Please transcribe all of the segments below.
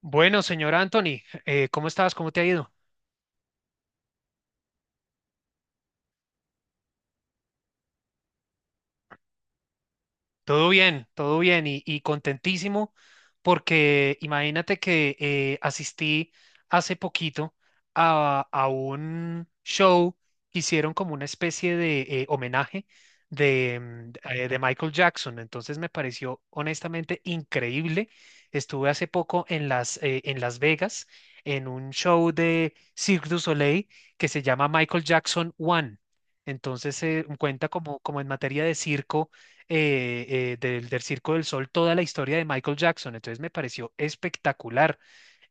Bueno, señor Anthony, ¿cómo estás? ¿Cómo te ha ido? Todo bien y contentísimo porque imagínate que asistí hace poquito a un show que hicieron como una especie de homenaje de Michael Jackson. Entonces me pareció honestamente increíble. Estuve hace poco en Las Vegas en un show de Cirque du Soleil que se llama Michael Jackson One. Entonces cuenta como, como en materia de circo eh, del Circo del Sol toda la historia de Michael Jackson. Entonces me pareció espectacular.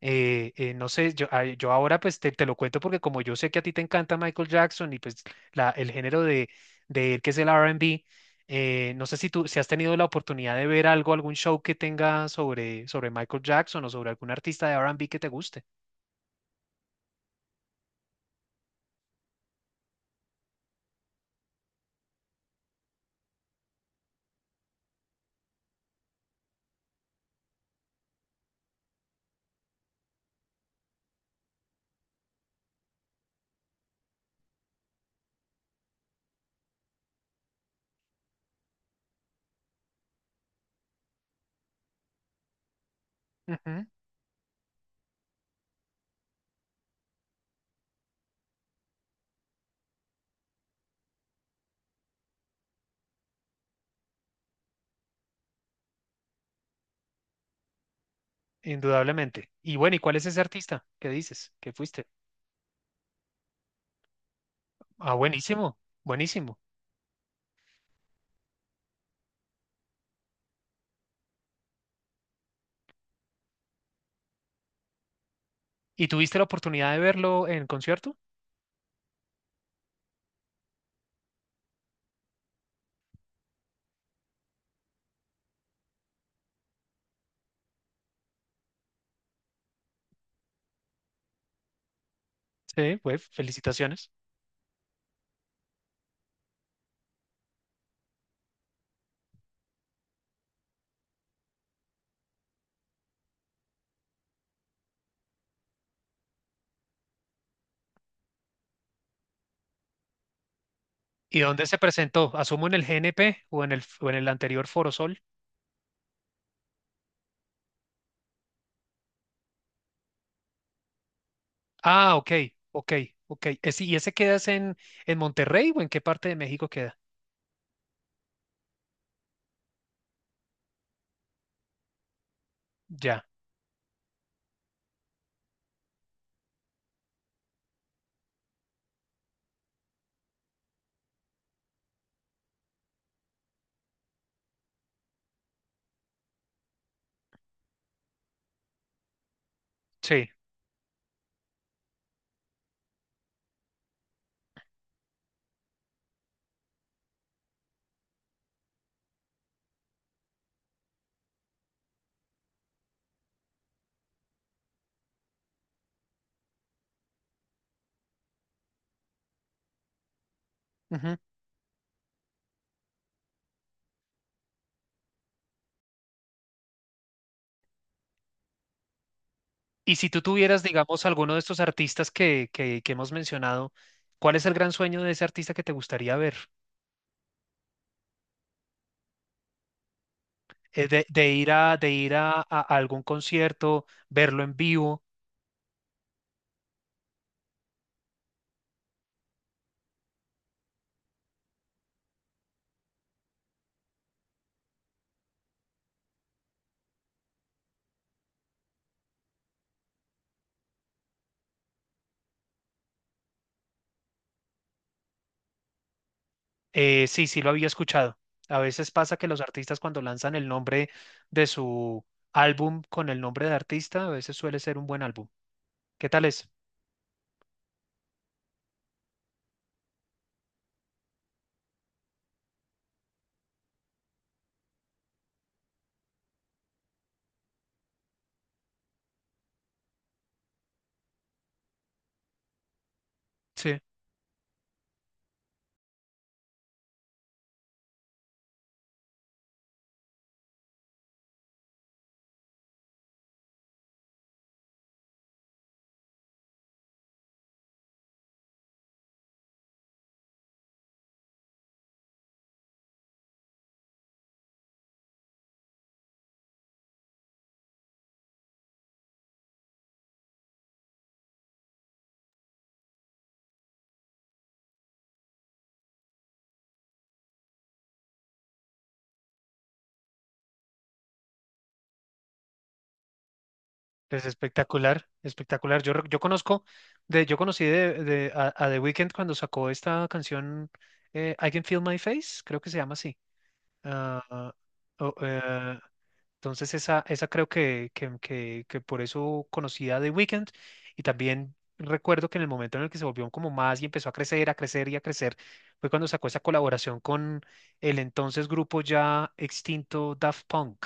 No sé, yo ahora pues te lo cuento porque como yo sé que a ti te encanta Michael Jackson y pues el género de él, que es el R&B. No sé si tú si has tenido la oportunidad de ver algo, algún show que tenga sobre, sobre Michael Jackson o sobre algún artista de R&B que te guste. Ujú, indudablemente. Y bueno, ¿y cuál es ese artista? ¿Qué dices? ¿Qué fuiste? Ah, buenísimo, buenísimo. ¿Y tuviste la oportunidad de verlo en concierto? Sí, pues felicitaciones. ¿Y dónde se presentó? Asumo en el GNP o en el anterior Foro Sol. Ah, ok, ok, ok. Ese- ¿Y ese quedas en Monterrey o en qué parte de México queda? Ya, sí. Ujú. Y si tú tuvieras, digamos, alguno de estos artistas que hemos mencionado, ¿cuál es el gran sueño de ese artista que te gustaría ver? De ir a, a algún concierto, verlo en vivo. Sí, sí lo había escuchado. A veces pasa que los artistas cuando lanzan el nombre de su álbum con el nombre de artista, a veces suele ser un buen álbum. ¿Qué tal es? Sí, es espectacular, espectacular. Yo conozco, yo conocí a The Weeknd cuando sacó esta canción I Can Feel My Face, creo que se llama así. Ah, ah, oh, eh, Entonces esa creo que por eso conocía The Weeknd. Y también recuerdo que en el momento en el que se volvió como más y empezó a crecer y a crecer, fue cuando sacó esa colaboración con el entonces grupo ya extinto Daft Punk,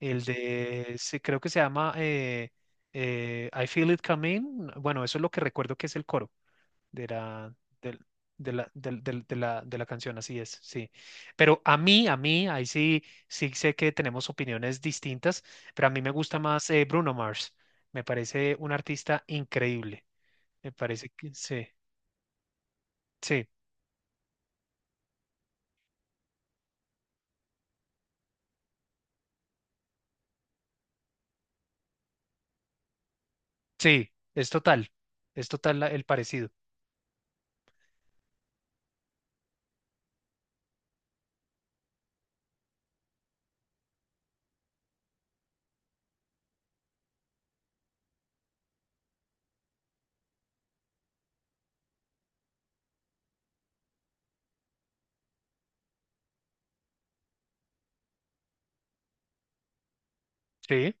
creo que se llama I Feel It Coming. Bueno, eso es lo que recuerdo que es el coro de la, del- de la canción, así es, sí. Pero a mí, ahí sí, sí sé que tenemos opiniones distintas, pero a mí me gusta más Bruno Mars. Me parece un artista increíble. Me parece que sí, sí, sí, es total el parecido. Sí.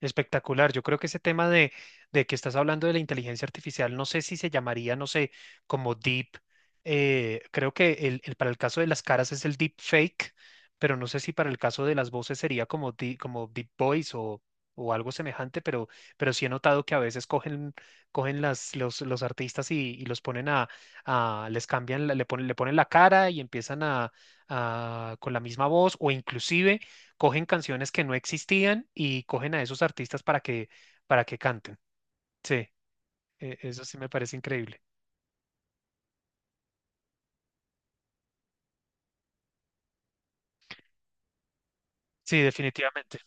Espectacular. Yo creo que ese tema de que estás hablando de la inteligencia artificial, no sé si se llamaría, no sé, como deep. Creo que para el caso de las caras es el deep fake, pero no sé si para el caso de las voces sería como, como deep voice o algo semejante, pero sí he notado que a veces cogen, cogen los artistas y los ponen a, les cambian, le ponen la cara y empiezan a, con la misma voz, o inclusive cogen canciones que no existían y cogen a esos artistas para que canten. Sí, eso sí me parece increíble. Sí, definitivamente.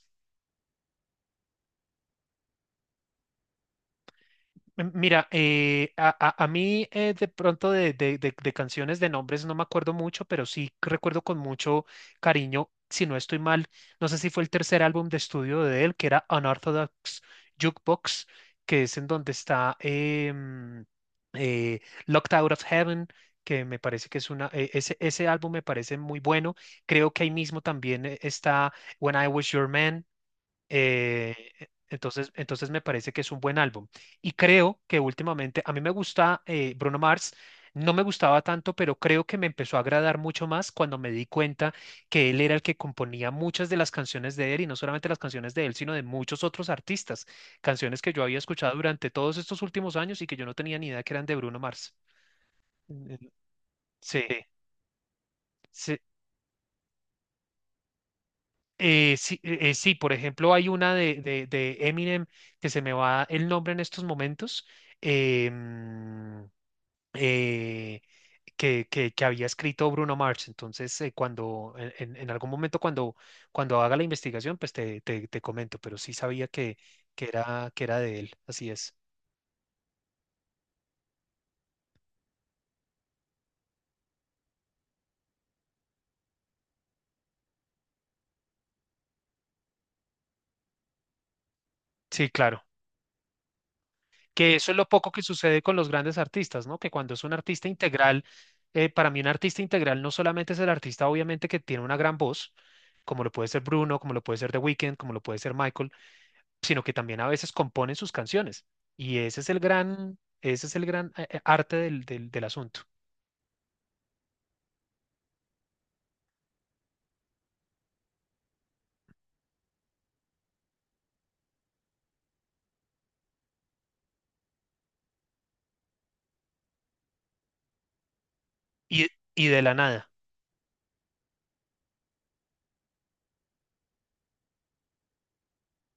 Mira, a mí de pronto de canciones de nombres no me acuerdo mucho, pero sí recuerdo con mucho cariño, si no estoy mal, no sé si fue el tercer álbum de estudio de él, que era Unorthodox Jukebox, que es en donde está eh, Locked Out of Heaven, que me parece que es una, ese, ese álbum me parece muy bueno. Creo que ahí mismo también está When I Was Your Man. Entonces, entonces me parece que es un buen álbum. Y creo que últimamente, a mí me gusta Bruno Mars, no me gustaba tanto, pero creo que me empezó a agradar mucho más cuando me di cuenta que él era el que componía muchas de las canciones de él, y no solamente las canciones de él, sino de muchos otros artistas, canciones que yo había escuchado durante todos estos últimos años y que yo no tenía ni idea que eran de Bruno Mars. Mm, Sí, sí, sí, sí, por ejemplo, hay una de Eminem que se me va el nombre en estos momentos, eh, mm, eh, que, que había escrito Bruno Mars. Entonces, cuando en algún momento cuando, cuando haga la investigación, pues te comento, pero sí sabía que era de él. Así es. Sí, claro. Que eso es lo poco que sucede con los grandes artistas, ¿no? Que cuando es un artista integral, para mí un artista integral no solamente es el artista, obviamente, que tiene una gran voz, como lo puede ser Bruno, como lo puede ser The Weeknd, como lo puede ser Michael, sino que también a veces componen sus canciones. Y ese es el gran, ese es el gran arte del asunto. Y, y de la nada.